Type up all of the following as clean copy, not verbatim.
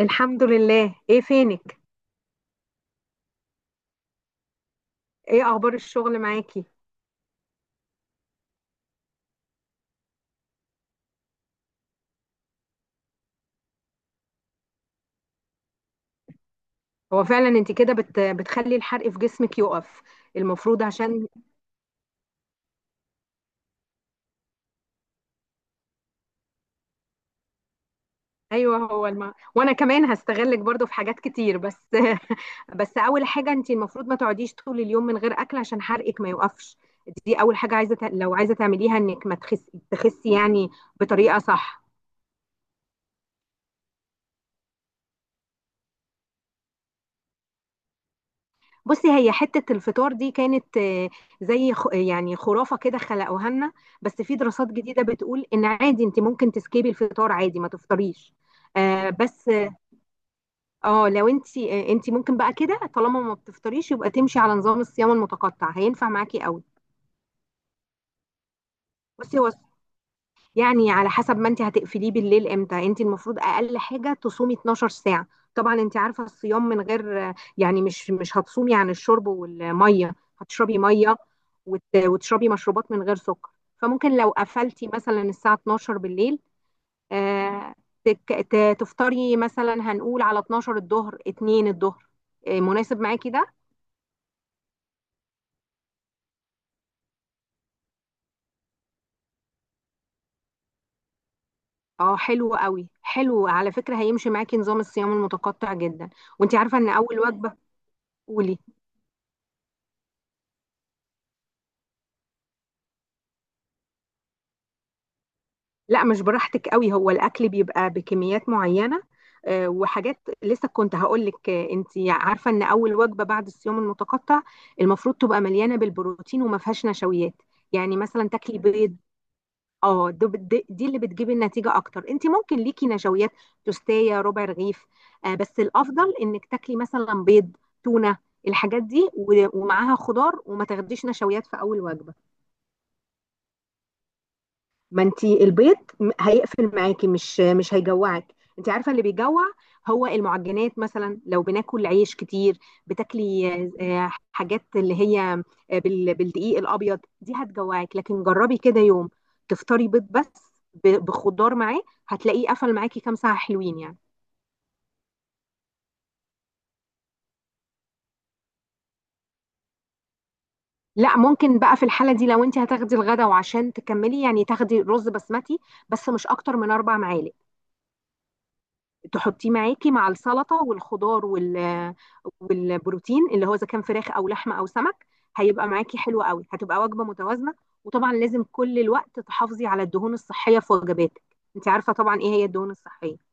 الحمد لله. ايه فينك؟ ايه اخبار الشغل معاكي؟ هو فعلا انت كده بتخلي الحرق في جسمك يقف. المفروض عشان ايوه، وانا كمان هستغلك برضو في حاجات كتير، بس بس اول حاجه انت المفروض ما تقعديش طول اليوم من غير اكل عشان حرقك ما يوقفش. دي اول حاجه عايزه لو عايزه تعمليها انك ما تخسي يعني، بطريقه صح. بصي، هي حتة الفطار دي كانت زي يعني خرافة كده خلقوها لنا، بس في دراسات جديدة بتقول ان عادي انت ممكن تسكيبي الفطار عادي ما تفطريش. بس، اه لو انت ممكن بقى كده، طالما ما بتفطريش يبقى تمشي على نظام الصيام المتقطع، هينفع معاكي قوي. بصي، هو يعني على حسب ما انت هتقفليه بالليل امتى. انت المفروض اقل حاجه تصومي 12 ساعه. طبعا انت عارفه الصيام، من غير يعني مش هتصومي عن الشرب والميه، هتشربي ميه وتشربي مشروبات من غير سكر. فممكن لو قفلتي مثلا الساعه 12 بالليل، آه، تفطري مثلا. هنقول على 12 الظهر، 2 الظهر، مناسب معاكي ده؟ اه، حلو قوي. حلو على فكره، هيمشي معاكي نظام الصيام المتقطع جدا. وانت عارفه ان اول وجبه، قولي. لا، مش براحتك قوي، هو الاكل بيبقى بكميات معينه. وحاجات لسه كنت هقول لك. انت عارفه ان اول وجبه بعد الصيام المتقطع المفروض تبقى مليانه بالبروتين وما فيهاش نشويات. يعني مثلا تاكلي بيض. دي اللي بتجيب النتيجه اكتر. انت ممكن ليكي نشويات، توستايه، ربع رغيف. بس الافضل انك تاكلي مثلا بيض، تونه، الحاجات دي ومعاها خضار، وما تاخديش نشويات في اول وجبه. ما انت البيض هيقفل معاكي، مش هيجوعك. انت عارفه اللي بيجوع هو المعجنات، مثلا لو بناكل عيش كتير، بتاكلي حاجات اللي هي بالدقيق الابيض، دي هتجوعك. لكن جربي كده يوم تفطري بيض بس بخضار معاه، هتلاقيه قفل معاكي كام ساعه حلوين يعني. لا، ممكن بقى في الحاله دي لو انت هتاخدي الغدا، وعشان تكملي يعني تاخدي رز بسمتي، بس مش اكتر من 4 معالق، تحطيه معاكي مع السلطه والخضار والبروتين اللي هو اذا كان فراخ او لحمه او سمك، هيبقى معاكي حلو قوي، هتبقى وجبه متوازنه. وطبعا لازم كل الوقت تحافظي على الدهون الصحيه في وجباتك. انت عارفه طبعا ايه هي الدهون الصحيه؟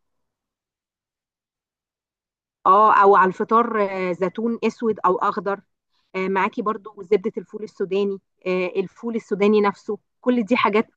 اه، او على الفطار زيتون اسود او اخضر. معاكي برضو زبده الفول السوداني. الفول السوداني نفسه، كل دي حاجات.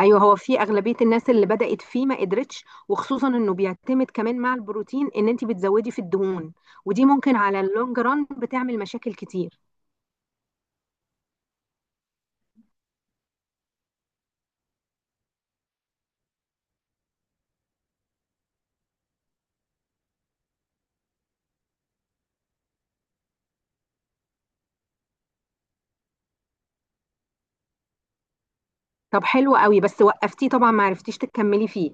ايوه، هو في اغلبيه الناس اللي بدات فيه ما قدرتش، وخصوصا انه بيعتمد كمان مع البروتين ان انت بتزودي في الدهون، ودي ممكن على اللونج ران بتعمل مشاكل كتير. طب حلو قوي، بس وقفتيه طبعا ما عرفتيش تكملي فيه.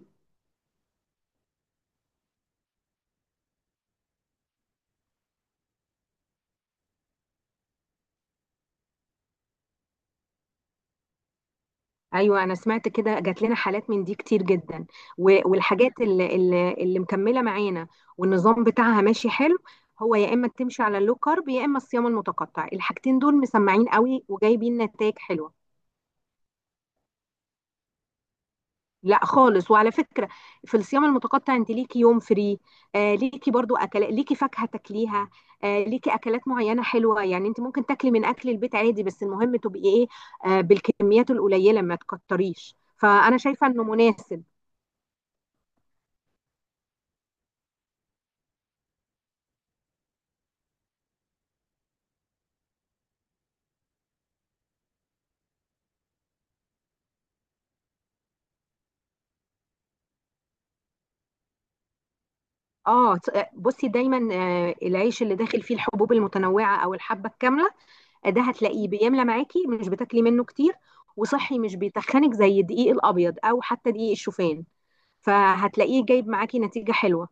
ايوه انا سمعت كده، جات لنا حالات من دي كتير جدا. والحاجات اللي مكمله معانا والنظام بتاعها ماشي حلو. هو يا اما تمشي على اللو كارب يا اما الصيام المتقطع، الحاجتين دول مسمعين قوي وجايبين نتائج حلوه. لا خالص. وعلى فكرة في الصيام المتقطع انت ليكي يوم فري، ليكي برضو اكلات، ليكي فاكهة تاكليها، ليكي اكلات معينة حلوة. يعني انت ممكن تاكلي من اكل البيت عادي، بس المهم تبقي ايه؟ بالكميات القليلة، ما تكتريش. فانا شايفة انه مناسب. بصي دايما العيش اللي داخل فيه الحبوب المتنوعة او الحبة الكاملة، ده هتلاقيه بيملى معاكي، مش بتاكلي منه كتير، وصحي مش بيتخنك زي الدقيق الابيض او حتى دقيق الشوفان، فهتلاقيه جايب معاكي نتيجة حلوة.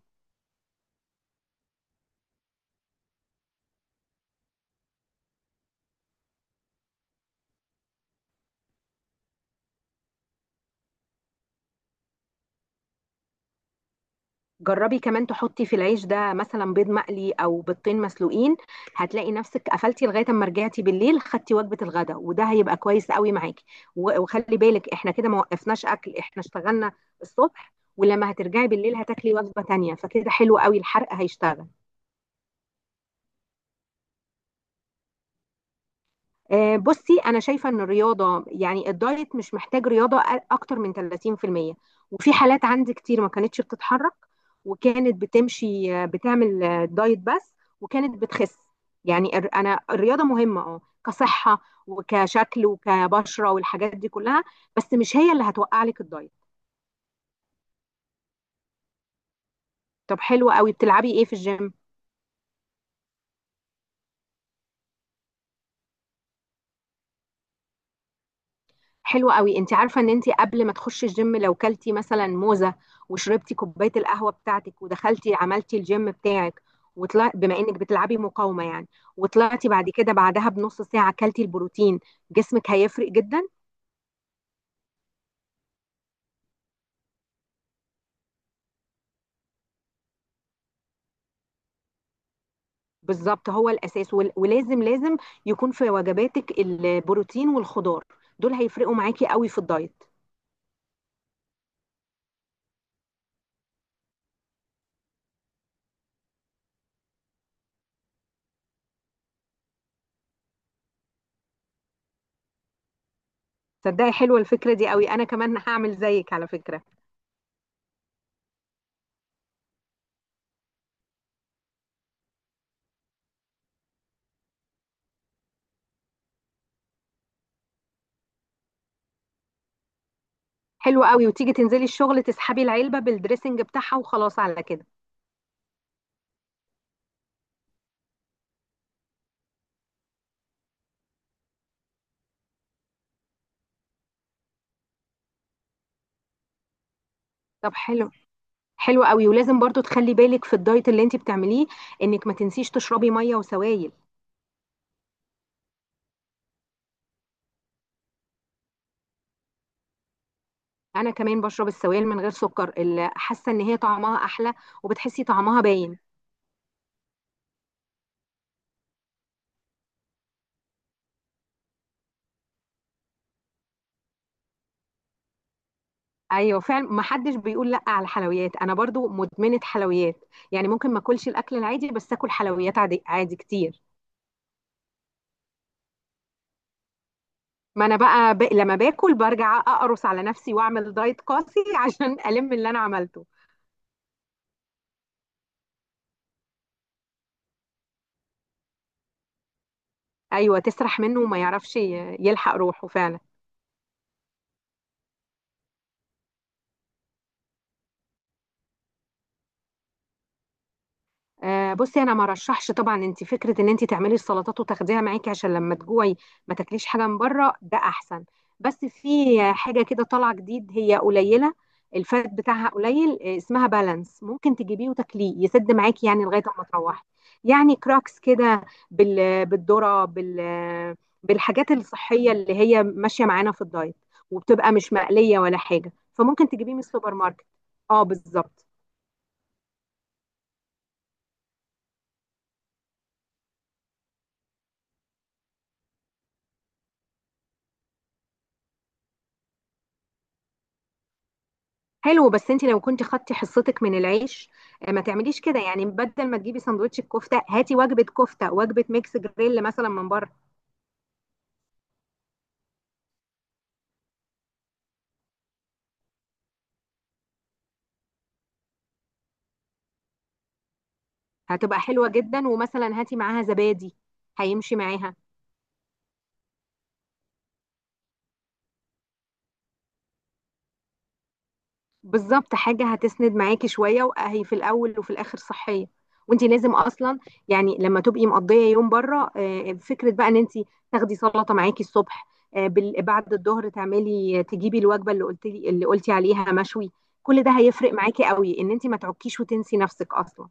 جربي كمان تحطي في العيش ده مثلا بيض مقلي او بيضتين مسلوقين، هتلاقي نفسك قفلتي لغايه اما رجعتي بالليل خدتي وجبه الغداء، وده هيبقى كويس قوي معاكي. وخلي بالك احنا كده ما وقفناش اكل، احنا اشتغلنا الصبح ولما هترجعي بالليل هتاكلي وجبه تانية، فكده حلو قوي الحرق هيشتغل. بصي انا شايفه ان الرياضه يعني الدايت مش محتاج رياضه اكتر من 30%. وفي حالات عندي كتير ما كانتش بتتحرك، وكانت بتمشي بتعمل دايت بس، وكانت بتخس. يعني انا الرياضه مهمه، اه، كصحه وكشكل وكبشره والحاجات دي كلها، بس مش هي اللي هتوقع لك الدايت. طب حلو قوي. بتلعبي ايه في الجيم؟ حلوة قوي. انت عارفة ان انت قبل ما تخشي الجيم لو كلتي مثلا موزة وشربتي كوباية القهوة بتاعتك ودخلتي عملتي الجيم بتاعك، وطلع بما انك بتلعبي مقاومة يعني، وطلعتي بعد كده بعدها بنص ساعة كلتي البروتين، جسمك هيفرق جدا. بالظبط، هو الاساس ولازم لازم يكون في وجباتك البروتين والخضار، دول هيفرقوا معاكي قوي في الدايت. تصدقي حلوة الفكرة دي قوي، انا كمان هعمل زيك على فكرة. حلوة قوي، وتيجي تنزلي الشغل تسحبي العلبة بالدريسنج بتاعها وخلاص على كده. طب حلو. حلو قوي، ولازم برضو تخلي بالك في الدايت اللي انت بتعمليه انك ما تنسيش تشربي ميه وسوائل. انا كمان بشرب السوائل من غير سكر، اللي حاسه ان هي طعمها احلى وبتحسي طعمها باين. ايوه فعلا، ما حدش بيقول لا على الحلويات، انا برضو مدمنه حلويات. يعني ممكن ما اكلش الاكل العادي بس اكل حلويات عادي عادي كتير. ما انا بقى لما باكل برجع اقرص على نفسي واعمل دايت قاسي عشان الم اللي انا عملته. ايوه تسرح منه وما يعرفش يلحق روحه فعلا. بصي انا ما رشحش طبعا، انت فكره ان انت تعملي السلطات وتاخديها معاكي عشان لما تجوعي ما تاكليش حاجه من بره، ده احسن. بس في حاجه كده طالعه جديد، هي قليله، الفات بتاعها قليل، اسمها بالانس، ممكن تجيبيه وتاكليه يسد معاكي يعني لغايه ما تروحي. يعني كراكس كده بالذره، بالحاجات الصحيه اللي هي ماشيه معانا في الدايت، وبتبقى مش مقليه ولا حاجه، فممكن تجيبيه من السوبر ماركت. اه بالظبط. حلو، بس انت لو كنت خدتي حصتك من العيش، ما تعمليش كده يعني. بدل ما تجيبي سندوتش الكفته هاتي وجبه كفته، وجبه ميكس جريل مثلا من بره، هتبقى حلوه جدا. ومثلا هاتي معاها زبادي، هيمشي معاها. بالظبط، حاجة هتسند معاكي شوية وهي في الأول وفي الآخر صحية. وانت لازم اصلا يعني لما تبقي مقضيه يوم بره، فكره بقى ان انت تاخدي سلطه معاكي الصبح، بعد الظهر تعملي تجيبي الوجبه اللي قلتي عليها مشوي. كل ده هيفرق معاكي قوي ان انت ما تعكيش وتنسي نفسك اصلا.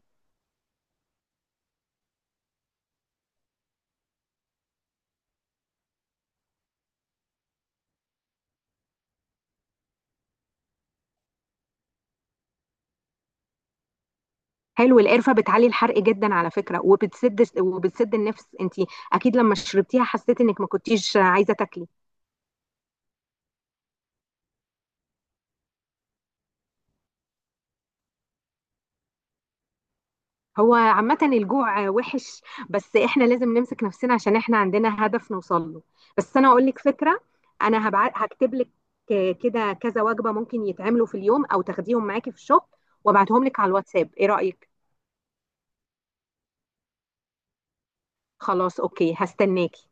حلو، القرفه بتعلي الحرق جدا على فكره، وبتسد النفس. انت اكيد لما شربتيها حسيتي انك ما كنتيش عايزه تاكلي. هو عامة الجوع وحش، بس احنا لازم نمسك نفسنا عشان احنا عندنا هدف نوصل له. بس انا اقول لك فكرة. انا هكتب لك كده كذا وجبة ممكن يتعملوا في اليوم او تاخديهم معاكي في الشغل، وابعتهم لك على الواتساب، ايه رأيك؟ خلاص اوكي، هستناكي.